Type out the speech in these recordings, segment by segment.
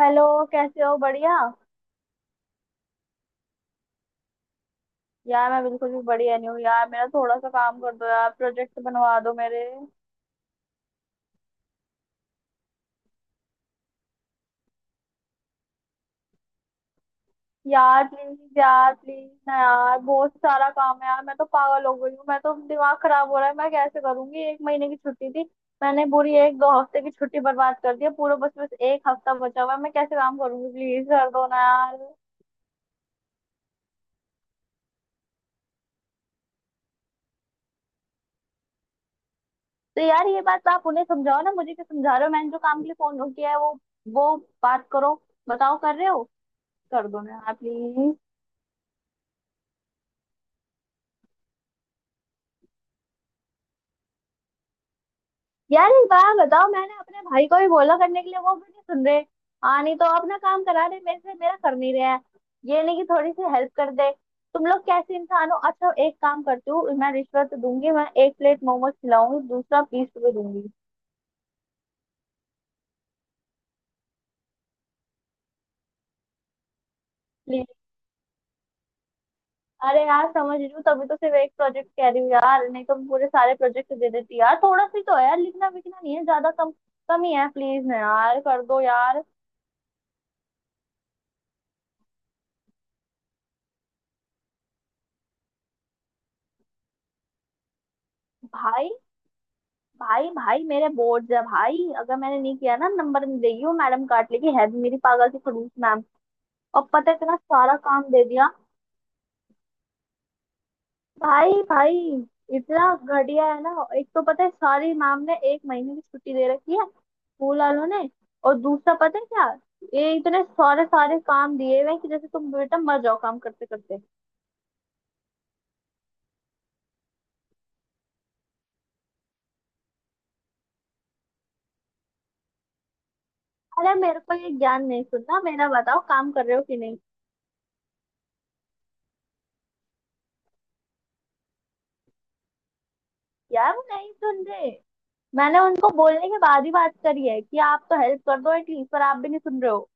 Hello. कैसे हो? बढ़िया। यार मैं बिल्कुल भी बढ़िया नहीं हूँ यार। मेरा थोड़ा सा काम कर दो यार, प्रोजेक्ट बनवा दो मेरे। यार प्लीज यार, प्लीज ना यार, बहुत सारा काम है यार। मैं तो पागल हो गई हूँ, मैं तो दिमाग खराब हो रहा है। मैं कैसे करूंगी? 1 महीने की छुट्टी थी, मैंने पूरी एक दो हफ्ते की छुट्टी बर्बाद कर दी है। पूरा बस बस 1 हफ्ता बचा हुआ है। मैं कैसे काम करूंगी? प्लीज कर दो ना यार। तो यार ये बात तो आप उन्हें समझाओ ना, मुझे क्या समझा रहे हो? मैंने जो काम के लिए फोन किया है वो बात करो, बताओ कर रहे हो? कर दो ना यार, प्लीज। यार एक बार बताओ, मैंने अपने भाई को भी बोला करने के लिए, वो भी नहीं सुन रहे। हाँ, नहीं तो अपना काम करा रहे मेरे से, मेरा कर नहीं रहे हैं। ये नहीं कि थोड़ी सी हेल्प कर दे। तुम लोग कैसे इंसान हो? अच्छा, एक काम करती हूँ, मैं रिश्वत दूंगी, मैं एक प्लेट मोमोज खिलाऊंगी, दूसरा 20 रुपए दूंगी। प्लीज। अरे यार समझ रही हूँ, तभी तो सिर्फ एक प्रोजेक्ट कह रही हूँ यार, नहीं तो मैं पूरे सारे प्रोजेक्ट दे देती यार। थोड़ा सी तो है यार, लिखना विखना नहीं है ज्यादा, कम कम ही है। प्लीज ना यार, कर दो यार। भाई भाई, भाई मेरे बोर्ड है भाई। अगर मैंने नहीं किया ना, नंबर नहीं देगी वो मैडम, काट लेगी। है भी मेरी पागल सी खड़ूस मैम। और पता है, इतना सारा काम दे दिया! भाई भाई, इतना घटिया है ना। एक तो पता है, सारी मैम ने 1 महीने की छुट्टी दे रखी है, स्कूल वालों ने। और दूसरा पता है क्या, ये इतने सारे सारे काम दिए हुए हैं कि जैसे तुम बेटा मर जाओ काम करते करते। अरे मेरे को ये ज्ञान नहीं सुनना, मेरा बताओ काम कर रहे हो कि नहीं? यार वो नहीं सुन रहे। मैंने उनको बोलने के बाद ही बात करी है कि आप तो हेल्प कर दो एटलीस्ट, पर आप भी नहीं सुन रहे हो।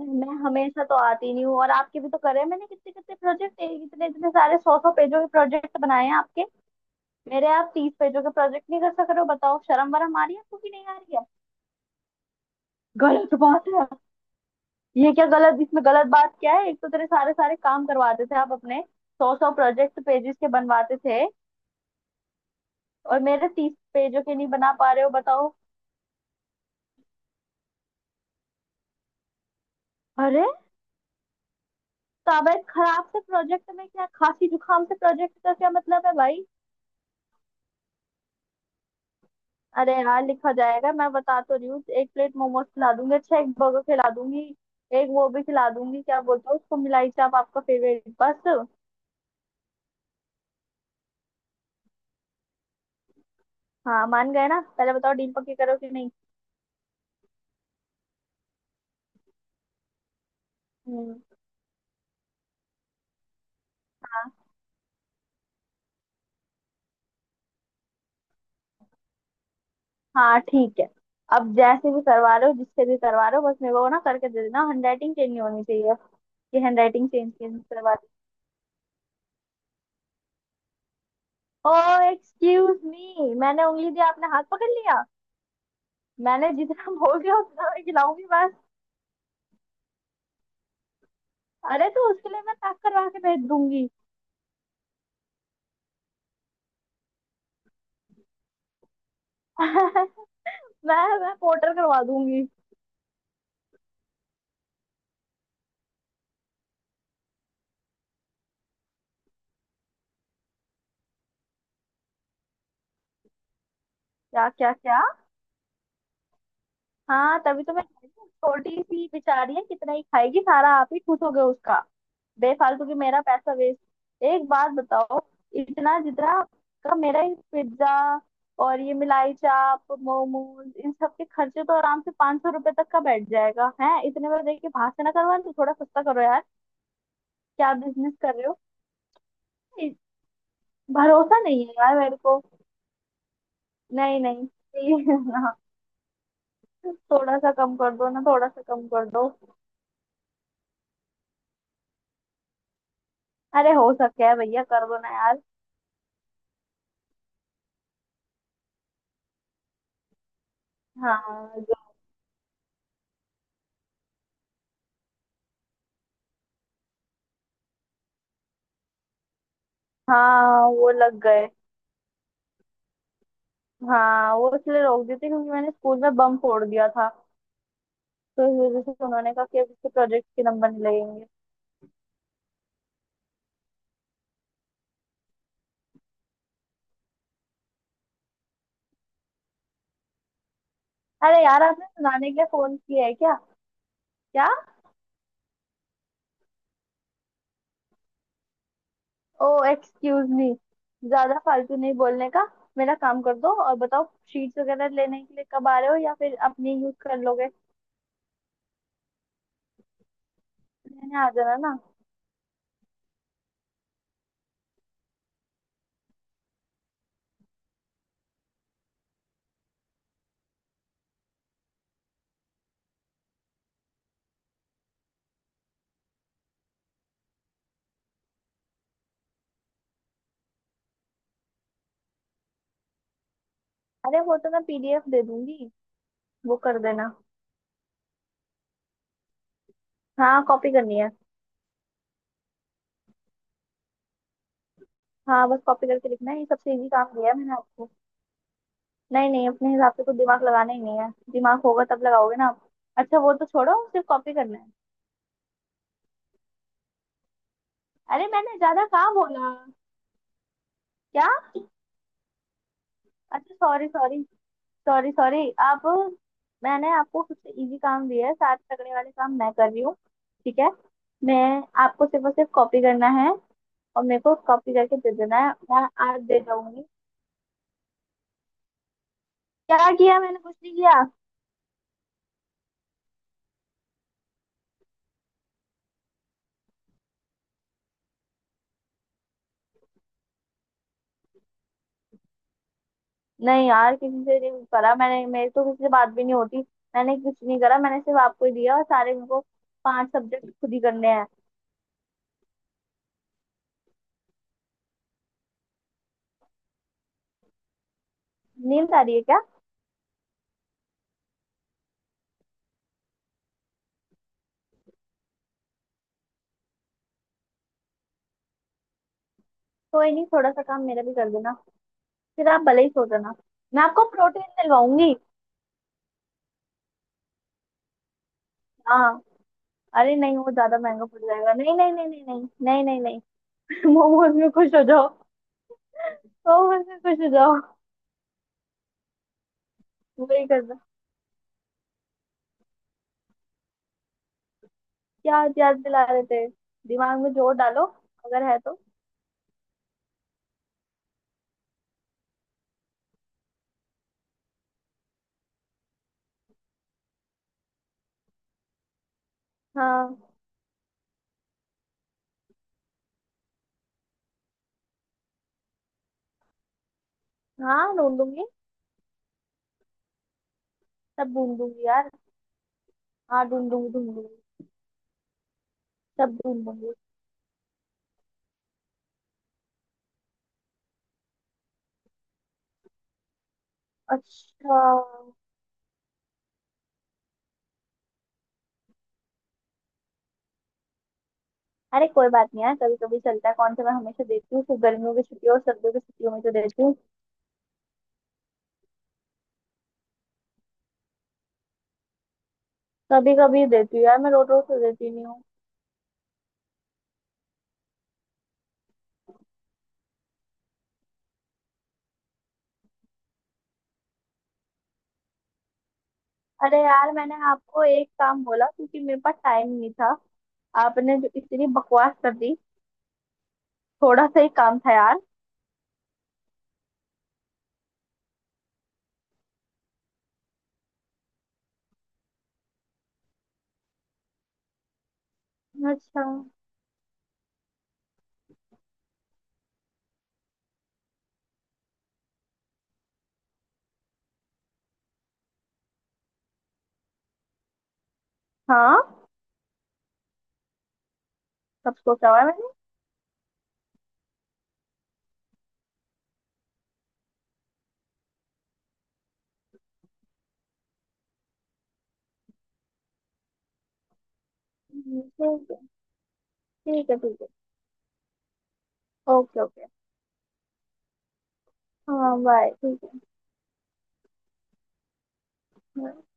मैं हमेशा तो आती नहीं हूँ, और आपके भी तो करे हैं मैंने कितने कितने प्रोजेक्ट, इतने इतने सारे सौ सौ पेजों के प्रोजेक्ट बनाए हैं आपके। मेरे आप 30 पेजों के प्रोजेक्ट नहीं कर सक रहे हो? बताओ, शर्म वरम आ रही है आपको कि नहीं आ रही है? गलत बात है। ये क्या गलत, इसमें गलत बात क्या है? एक तो तेरे सारे सारे काम करवाते थे आप अपने, सौ सौ प्रोजेक्ट पेजेस के बनवाते थे, और मेरे 30 पेजों के नहीं बना पा रहे हो? बताओ। अरे तबीयत खराब से प्रोजेक्ट में क्या? खांसी जुकाम से प्रोजेक्ट का क्या मतलब है भाई? अरे यार लिखा जाएगा, मैं बता तो रही हूँ, एक प्लेट मोमोज खिला दूंगी, अच्छा एक बर्गर खिला दूंगी, एक वो भी खिला दूंगी। क्या बोलते हो उसको, मिलाई चाप, आपका फेवरेट, बस। हाँ मान गए ना? पहले बताओ, डील पक्की करो कि नहीं। हम्म। हाँ। हाँ ठीक है। अब जैसे भी करवा रहे हो, जिससे भी करवा रहे हो, बस मेरे को ना करके दे देना, हैंड राइटिंग चेंज नहीं होनी चाहिए कि हैंड राइटिंग चेंज चेंज करवा दी। ओ एक्सक्यूज मी, मैंने उंगली दी आपने हाथ पकड़ लिया। मैंने जितना बोल दिया उतना मैं खिलाऊंगी, बस। अरे तो उसके लिए मैं पैक करवा के भेज दूंगी। मैं मैं पोर्टर करवा दूंगी। क्या क्या क्या? हाँ तभी तो मैं कह रही हूँ, छोटी सी बेचारी है, कितना ही खाएगी, सारा आप ही खुश हो गए उसका। बेफालतू की, मेरा पैसा वेस्ट। एक बात बताओ, इतना जितना का मेरा ये पिज्जा और ये मिलाई चाप मोमोज, इन सब के खर्चे तो आराम से 500 रुपए तक का बैठ जाएगा है। इतने में देखिए भाषण ना करवा, तो थोड़ा सस्ता करो यार। क्या बिजनेस कर रहे हो? भरोसा नहीं है यार मेरे को। नहीं नहीं, प्लीज ना, थोड़ा सा कम कर दो ना, थोड़ा सा कम कर दो। अरे हो सके है भैया, कर दो ना यार। हाँ हाँ वो लग गए। हाँ वो इसलिए रोक दी थी क्योंकि मैंने स्कूल में बम फोड़ दिया था। तो इस वजह से उन्होंने कहा कि अब इसके प्रोजेक्ट के नंबर नहीं लगेंगे। अरे यार आपने सुनाने के लिए फोन किया है क्या? क्या? ओ एक्सक्यूज मी, ज्यादा फालतू नहीं बोलने का, मेरा काम कर दो। और बताओ, शीट्स वगैरह लेने के लिए कब आ रहे हो या फिर अपनी यूज कर लोगे? लेने आ जाना ना। अरे वो तो मैं पीडीएफ दे दूंगी, वो कर देना। हाँ, कॉपी करनी है। हाँ बस कॉपी करके लिखना है, ये सबसे इजी काम दिया है मैंने आपको। नहीं नहीं, अपने हिसाब से कुछ दिमाग लगाना ही नहीं है। दिमाग होगा तब लगाओगे ना आप। अच्छा वो तो छोड़ो, सिर्फ कॉपी करना है। अरे मैंने ज्यादा कहाँ बोला? क्या? अच्छा सॉरी सॉरी। सॉरी सॉरी आप। मैंने आपको सबसे इजी काम दिया है, सारे तगड़े वाले काम मैं कर रही हूँ। ठीक है? मैं आपको सिर्फ और सिर्फ कॉपी करना है, और मेरे को कॉपी करके दे देना है, मैं आज दे जाऊंगी। क्या किया मैंने, कुछ नहीं किया। नहीं यार किसी से नहीं करा मैंने, मेरी तो किसी से बात भी नहीं होती। मैंने कुछ नहीं करा, मैंने सिर्फ आपको ही दिया, और सारे मेरे को पांच सब्जेक्ट खुद ही करने हैं। नींद आ रही है क्या? कोई नहीं, थोड़ा सा काम मेरा भी कर देना, फिर आप भले ही सो जाना। मैं आपको प्रोटीन दिलवाऊंगी। हाँ। अरे नहीं, वो ज्यादा महंगा पड़ जाएगा। नहीं नहीं नहीं नहीं नहीं नहीं नहीं नहीं। मोमोज में खुश हो जाओ, मोमोज में खुश हो जाओ। वही करना। क्या याद दिला रहे थे? दिमाग में जोर डालो, अगर है तो। हाँ। हाँ ढूंढूंगी। सब ढूंढ लूंगी यार, हाँ ढूंढ लूंगी ढूंढ लूंगी। सब ढूंढ लूंगी। अच्छा। अरे कोई बात नहीं यार, कभी कभी चलता है। कौन सा मैं हमेशा देती हूँ, सिर्फ गर्मियों की छुट्टियों और सर्दियों की छुट्टियों में तो देती हूँ। कभी कभी देती हूँ यार, मैं रोज रोज तो देती नहीं हूँ। अरे यार, मैंने आपको एक काम बोला क्योंकि मेरे पास टाइम नहीं था, आपने जो इतनी बकवास कर दी। थोड़ा सा ही काम था यार। अच्छा। हाँ सब सोचा हुआ है मैंने। ठीक है। ठीक है ठीक है। Okay okay. हाँ बाय। ठीक है